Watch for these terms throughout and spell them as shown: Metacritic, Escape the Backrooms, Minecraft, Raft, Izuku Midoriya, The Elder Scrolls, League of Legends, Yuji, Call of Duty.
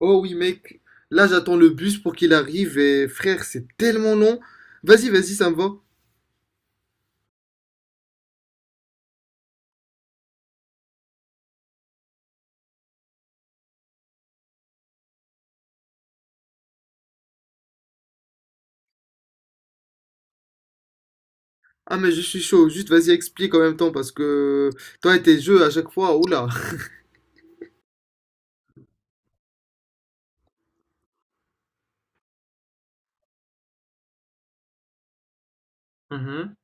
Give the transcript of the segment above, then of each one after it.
Oh oui mec, là j'attends le bus pour qu'il arrive et frère c'est tellement long. Vas-y, vas-y, ça me va. Ah mais je suis chaud, juste vas-y explique en même temps parce que toi et tes jeux à chaque fois, oula. Mhm,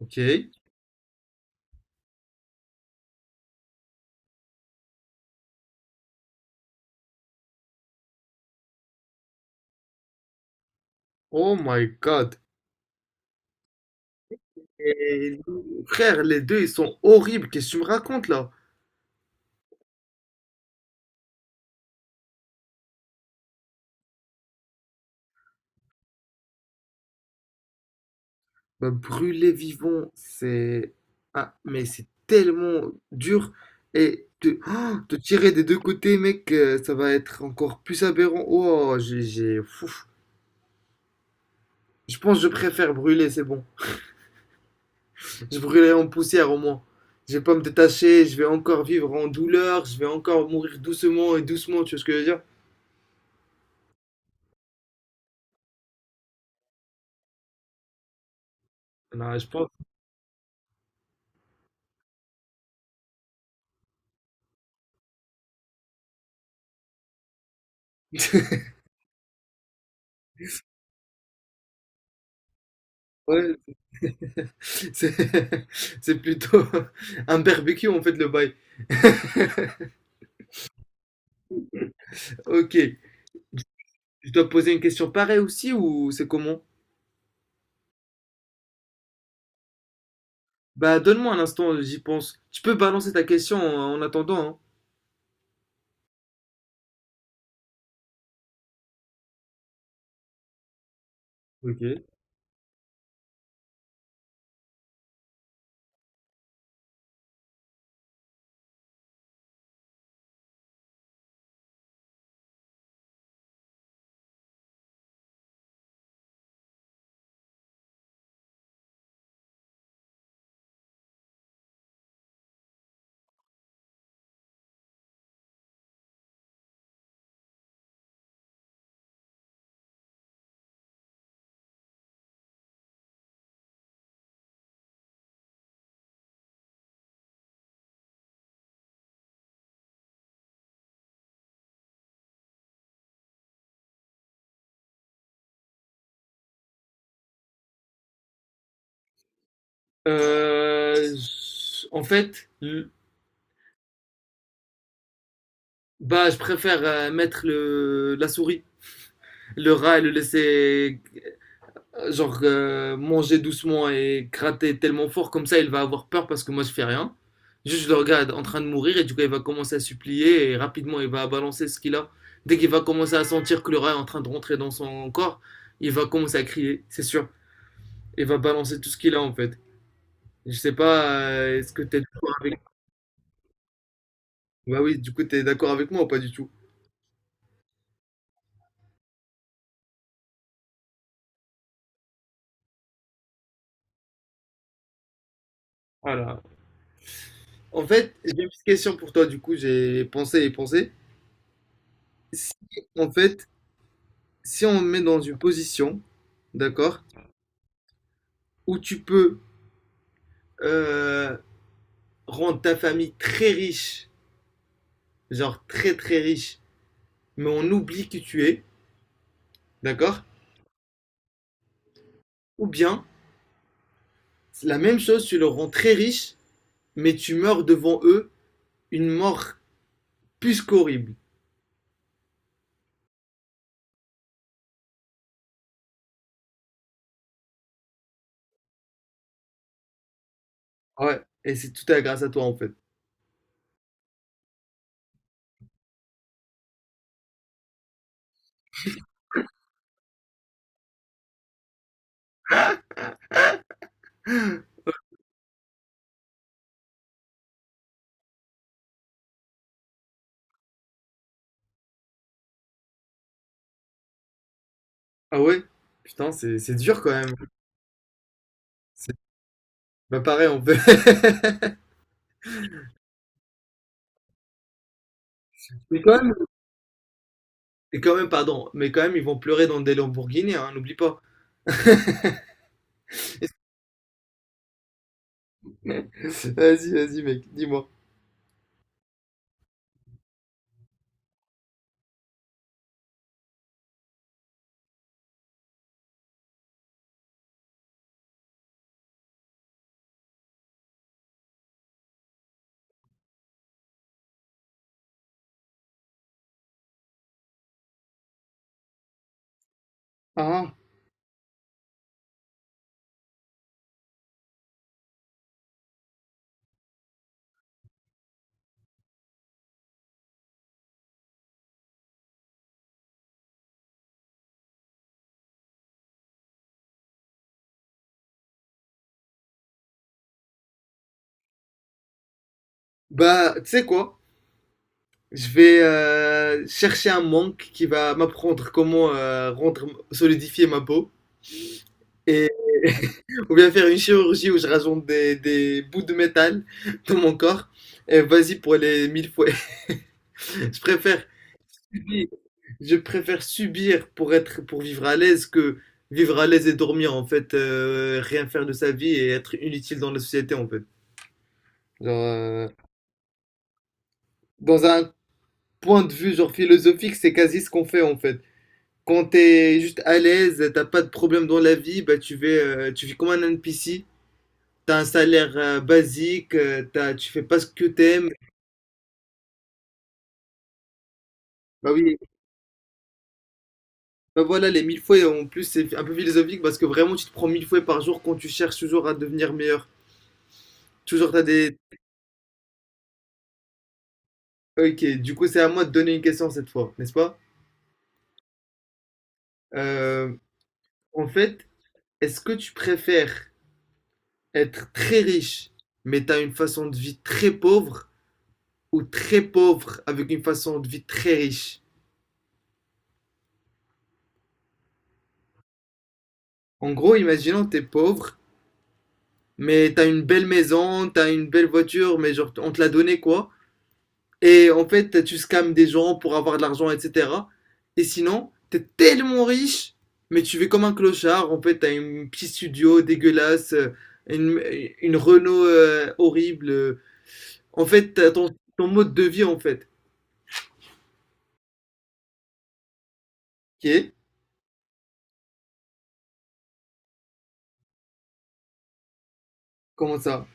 ok. Oh my god. Et, frère, les deux ils sont horribles, qu'est-ce que tu me racontes là? Bah, brûler vivant, c'est... Ah mais c'est tellement dur et te, oh, te tirer des deux côtés mec, ça va être encore plus aberrant. Oh j'ai- Fouf. Je pense que je préfère brûler, c'est bon. Je brûlerai en poussière au moins. Je vais pas me détacher, je vais encore vivre en douleur, je vais encore mourir doucement et doucement, tu vois ce que je veux dire? Non, je pense. Ouais, c'est c'est plutôt un barbecue en fait le bail. Ok, je dois poser une question pareille aussi ou c'est comment? Bah donne-moi un instant, j'y pense. Tu peux balancer ta question en, en attendant, hein. Ok. Je- en fait, l- bah je préfère mettre le, la souris. Le rat et le laisser manger doucement et gratter tellement fort comme ça il va avoir peur parce que moi je fais rien. Juste je le regarde en train de mourir et du coup il va commencer à supplier et rapidement il va balancer ce qu'il a. Dès qu'il va commencer à sentir que le rat est en train de rentrer dans son corps, il va commencer à crier, c'est sûr. Il va balancer tout ce qu'il a en fait. Je sais pas, est-ce que t'es d'accord avec... Bah oui, du coup t'es d'accord avec moi ou pas du tout? Voilà. En fait, j'ai une petite question pour toi du coup, j'ai pensé et pensé. Si en fait si on te met dans une position, d'accord, où tu peux euh, rendre ta famille très riche, genre très très riche, mais on oublie qui tu es, d'accord. Ou bien, c'est la même chose, tu le rends très riche, mais tu meurs devant eux une mort plus qu'horrible. Ah ouais, et c'est tout à grâce à toi en fait. Ah ouais, putain, c'est dur quand même. C'est bah, pareil, on peut. Mais quand même, et quand même, pardon, mais quand même, ils vont pleurer dans des Lamborghini, hein, n'oublie pas. Vas-y, vas-y, mec, dis-moi. Ah, bah, tu sais quoi? Je vais chercher un monk qui va m'apprendre comment rendre, solidifier ma peau. Et on vient faire une chirurgie où je rajoute des bouts de métal dans mon corps. Et vas-y pour les mille fois. Je préfère, je préfère subir pour être, pour vivre à l'aise que vivre à l'aise et dormir en fait, rien faire de sa vie et être inutile dans la société en fait. Genre, dans un point de vue genre philosophique, c'est quasi ce qu'on fait en fait. Quand t'es juste à l'aise, t'as pas de problème dans la vie, bah tu vis comme un NPC. T'as un salaire basique, t'as, tu fais pas ce que t'aimes. Bah oui, bah voilà, les mille fois, et en plus, c'est un peu philosophique parce que vraiment, tu te prends mille fois par jour quand tu cherches toujours à devenir meilleur. Toujours, t'as des. Ok, du coup, c'est à moi de donner une question cette fois, n'est-ce pas? Euh, en fait, est-ce que tu préfères être très riche, mais t'as une façon de vie très pauvre, ou très pauvre avec une façon de vie très riche? En gros, imaginons t'es pauvre, mais t'as une belle maison, t'as une belle voiture, mais genre on te l'a donnée quoi. Et en fait, tu scams des gens pour avoir de l'argent, etc. Et sinon, t'es tellement riche, mais tu vis comme un clochard. En fait, t'as une petite studio dégueulasse, une, une Renault horrible. En fait, t'as ton, ton mode de vie en fait. Ok? Comment ça?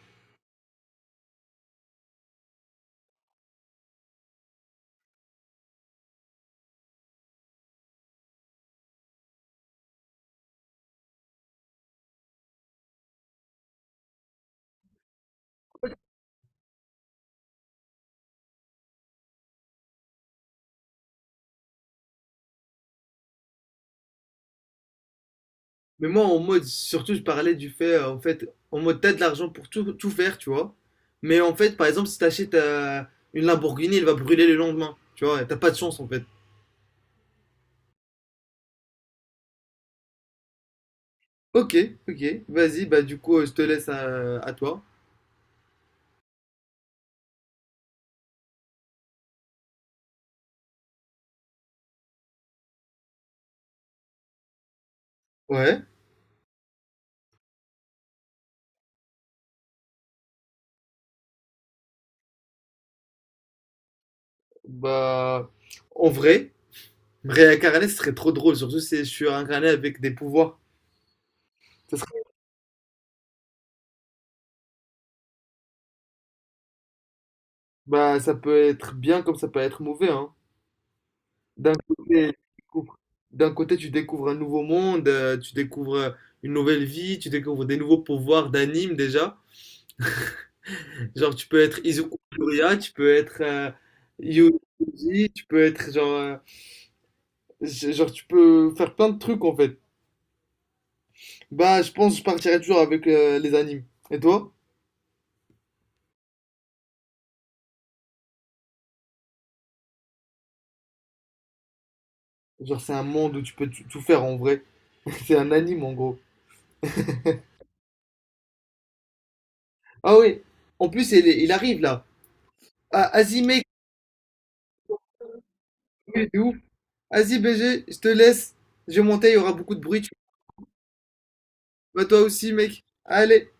Mais moi, en mode, surtout, je parlais du fait, en mode, t'as de l'argent pour tout, tout faire, tu vois. Mais en fait, par exemple, si t'achètes une Lamborghini, elle va brûler le lendemain, tu vois. T'as pas de chance, en fait. Ok, ok, vas-y, bah du coup, je te laisse à toi. Ouais, bah, en vrai, me réincarner, ce serait trop drôle, surtout si je suis incarné avec des pouvoirs. Ça serait- bah, ça peut être bien comme ça peut être mauvais, hein. D'un côté, tu découvres, d'un côté, tu découvres un nouveau monde, tu découvres une nouvelle vie, tu découvres des nouveaux pouvoirs d'anime déjà. Genre, tu peux être Izuku Midoriya, tu peux être Yuji, tu peux être genre, genre, tu peux faire plein de trucs en fait. Bah, je pense que je partirais toujours avec les animes. Et toi? Genre, c'est un monde où tu peux tu- tout faire en vrai. C'est un anime en gros. Ah oui, en plus, il, est- il arrive là. Ah, Azime, de ouf. Asie BG, je te laisse. Je vais monter, il y aura beaucoup de bruit. Bah toi aussi mec. Allez.